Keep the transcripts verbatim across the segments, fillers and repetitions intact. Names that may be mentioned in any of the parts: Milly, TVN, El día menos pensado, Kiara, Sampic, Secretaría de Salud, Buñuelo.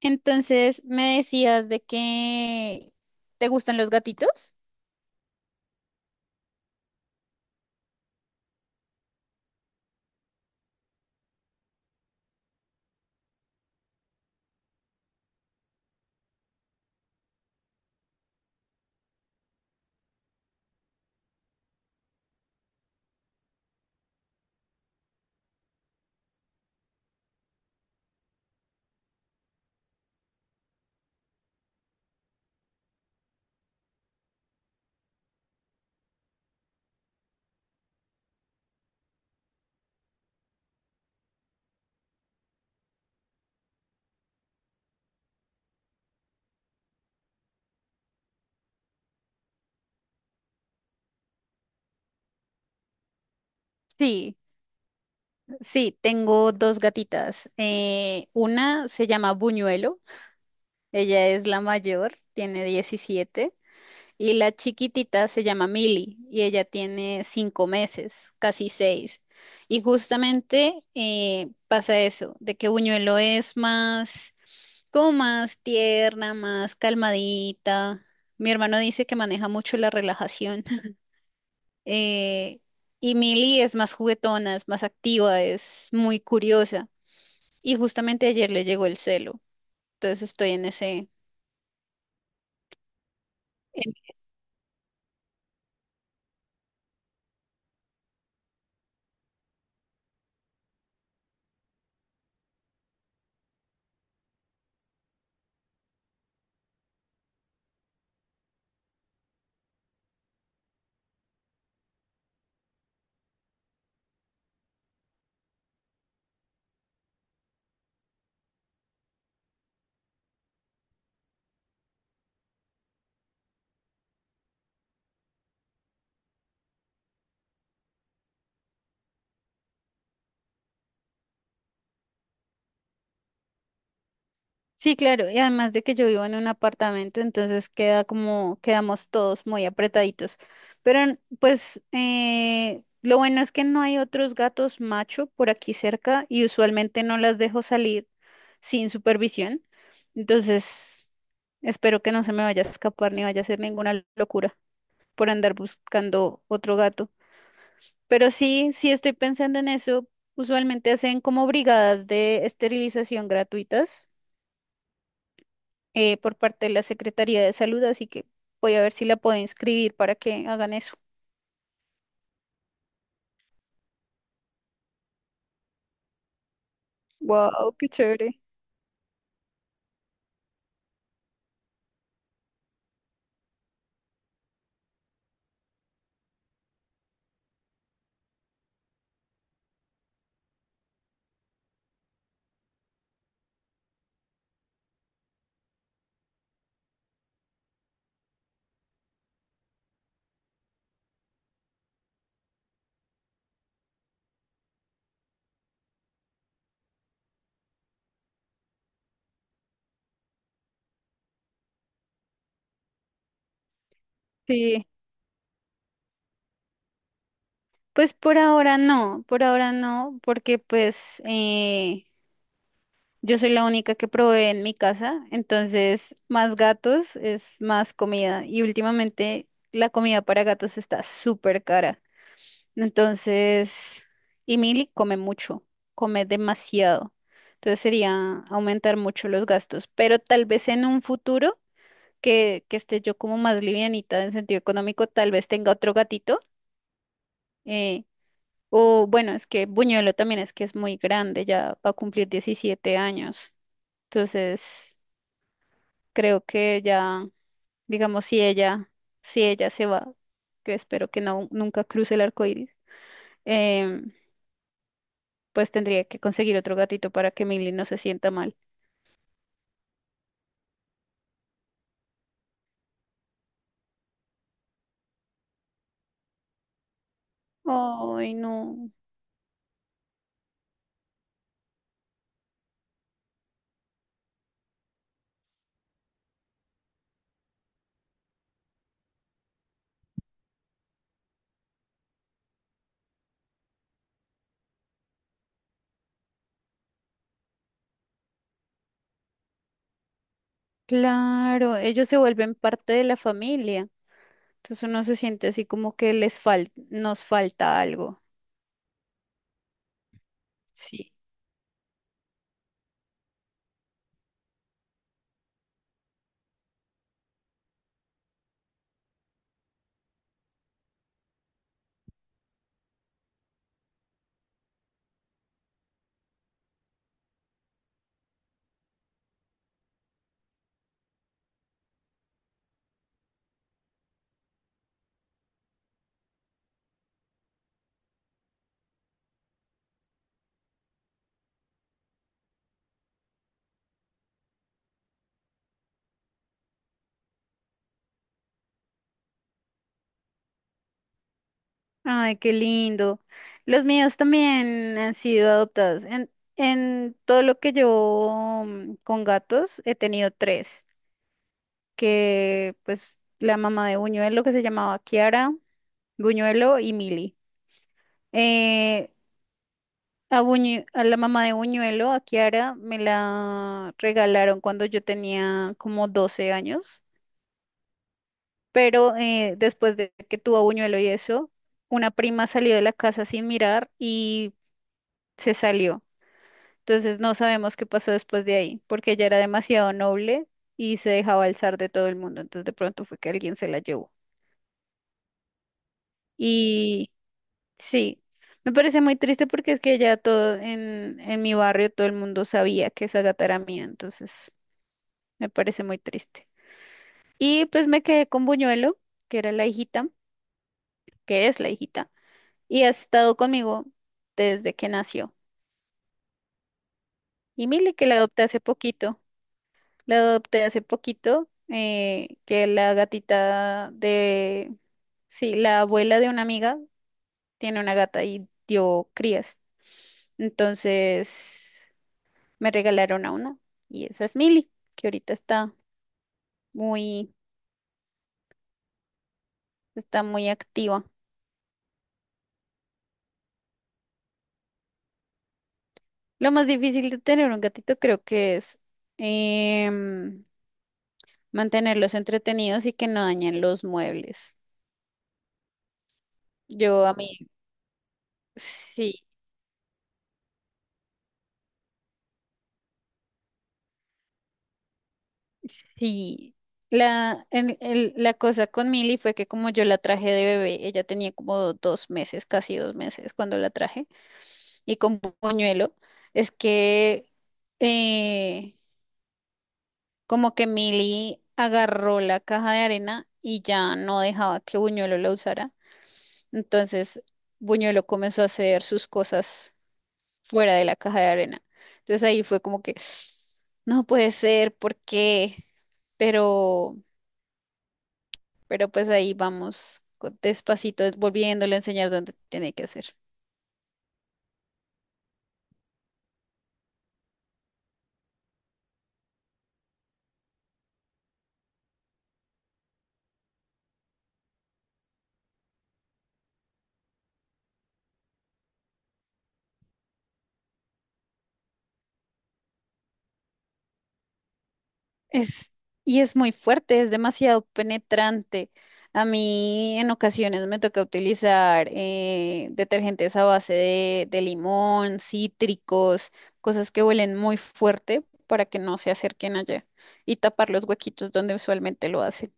Entonces, me decías de que te gustan los gatitos. Sí, sí, tengo dos gatitas. Eh, una se llama Buñuelo, ella es la mayor, tiene diecisiete, y la chiquitita se llama Milly, y ella tiene cinco meses, casi seis. Y justamente eh, pasa eso, de que Buñuelo es más, como más tierna, más calmadita. Mi hermano dice que maneja mucho la relajación. eh, y Millie es más juguetona, es más activa, es muy curiosa. Y justamente ayer le llegó el celo. Entonces estoy en ese. Sí, claro. Y además de que yo vivo en un apartamento, entonces queda como, quedamos todos muy apretaditos. Pero n- pues eh, lo bueno es que no hay otros gatos macho por aquí cerca y usualmente no las dejo salir sin supervisión. Entonces, espero que no se me vaya a escapar ni vaya a hacer ninguna locura por andar buscando otro gato. Pero sí, sí estoy pensando en eso. Usualmente hacen como brigadas de esterilización gratuitas eh, por parte de la Secretaría de Salud, así que voy a ver si la puedo inscribir para que hagan eso. Wow, qué chévere. Sí, pues por ahora no, por ahora no, porque pues eh, yo soy la única que provee en mi casa, entonces más gatos es más comida y últimamente la comida para gatos está súper cara. Entonces, y Milly come mucho, come demasiado. Entonces sería aumentar mucho los gastos, pero tal vez en un futuro que, que esté yo como más livianita en sentido económico, tal vez tenga otro gatito. eh, o bueno, es que Buñuelo también es que es muy grande, ya va a cumplir diecisiete años. Entonces, creo que ya, digamos, si ella, si ella se va, que espero que no, nunca cruce el arco iris. em, pues tendría que conseguir otro gatito para que Millie no se sienta mal. Ay, no. Claro, ellos se vuelven parte de la familia. Entonces uno se siente así como que les fal nos falta algo. Sí. Ay, qué lindo. Los míos también han sido adoptados. En, en todo lo que yo, mm, con gatos he tenido tres, que pues la mamá de Buñuelo que se llamaba Kiara, Buñuelo y Mili. A, Buñu- a la mamá de Buñuelo, a Kiara, me la regalaron cuando yo tenía como doce años, pero eh, después de que tuvo a Buñuelo y eso, una prima salió de la casa sin mirar y se salió. Entonces no sabemos qué pasó después de ahí, porque ella era demasiado noble y se dejaba alzar de todo el mundo. Entonces de pronto fue que alguien se la llevó. Y sí, me parece muy triste porque es que ya todo en, en mi barrio, todo el mundo sabía que esa gata era mía, entonces… Me parece muy triste. Y pues me quedé con Buñuelo, que era la hijita, que es la hijita, y ha estado conmigo desde que nació. Y Mili, que la adopté hace poquito. La adopté hace poquito, eh, que la gatita de… Sí, la abuela de una amiga tiene una gata y dio crías. Entonces me regalaron a una y esa es Mili, que ahorita está muy, está muy activa. Lo más difícil de tener un gatito creo que es, em, mantenerlos entretenidos y que no dañen los muebles. Yo a mí, sí, sí. La, el- el- la cosa con Milly fue que como yo la traje de bebé, ella tenía como dos meses, casi dos meses cuando la traje, y con puñuelo, es que eh, como que Milly agarró la caja de arena y ya no dejaba que Buñuelo la usara. Entonces, Buñuelo comenzó a hacer sus cosas fuera de la caja de arena. Entonces ahí fue como que, no puede ser, ¿por qué? Pero, pero pues ahí vamos co- despacito, volviéndole a enseñar dónde tiene que hacer. Es, y es muy fuerte, es demasiado penetrante. A mí en ocasiones me toca utilizar eh, detergentes a base de, de limón, cítricos, cosas que huelen muy fuerte para que no se acerquen allá y tapar los huequitos donde usualmente lo hacen.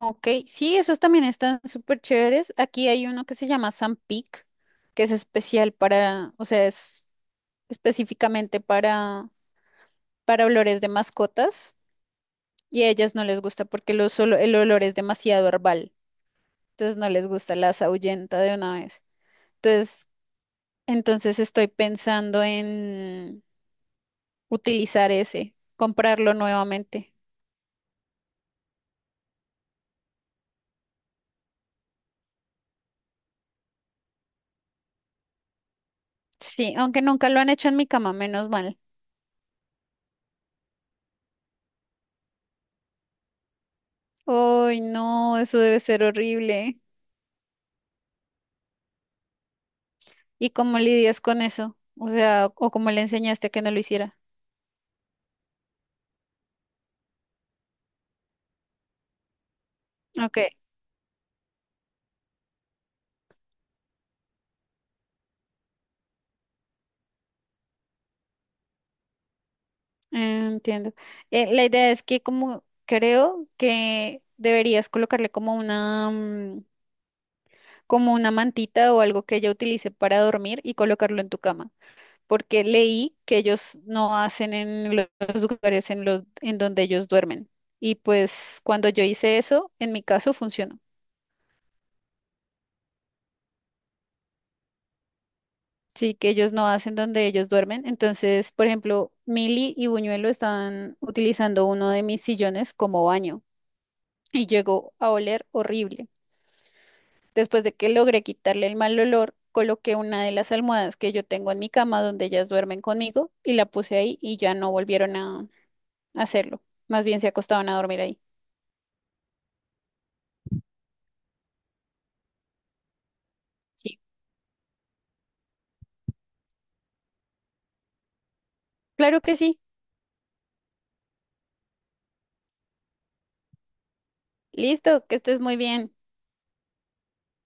Ok, sí, esos también están súper chéveres. Aquí hay uno que se llama Sampic, que es especial para, o sea, es específicamente para, para olores de mascotas. Y a ellas no les gusta porque los olo- el olor es demasiado herbal. Entonces no les gusta, las ahuyenta de una vez. Entonces, entonces estoy pensando en utilizar ese, comprarlo nuevamente. Sí, aunque nunca lo han hecho en mi cama, menos mal. Ay, no, eso debe ser horrible. ¿Y cómo lidias con eso? O sea, o cómo le enseñaste a que no lo hiciera. Ok, eh, entiendo. Eh, la idea es que como creo que deberías colocarle como una, mm, como una mantita o algo que ella utilice para dormir y colocarlo en tu cama, porque leí que ellos no hacen en lo- los lugares en los en donde ellos duermen. Y pues cuando yo hice eso, en mi caso funcionó. Sí, que ellos no hacen donde ellos duermen. Entonces, por ejemplo, Mili y Buñuelo estaban utilizando uno de mis sillones como baño y llegó a oler horrible. Después de que logré quitarle el mal olor, coloqué una de las almohadas que yo tengo en mi cama donde ellas duermen conmigo y la puse ahí y ya no volvieron a a hacerlo. Más bien se acostaban a dormir ahí. Sí. Claro que sí. Listo, que estés muy bien.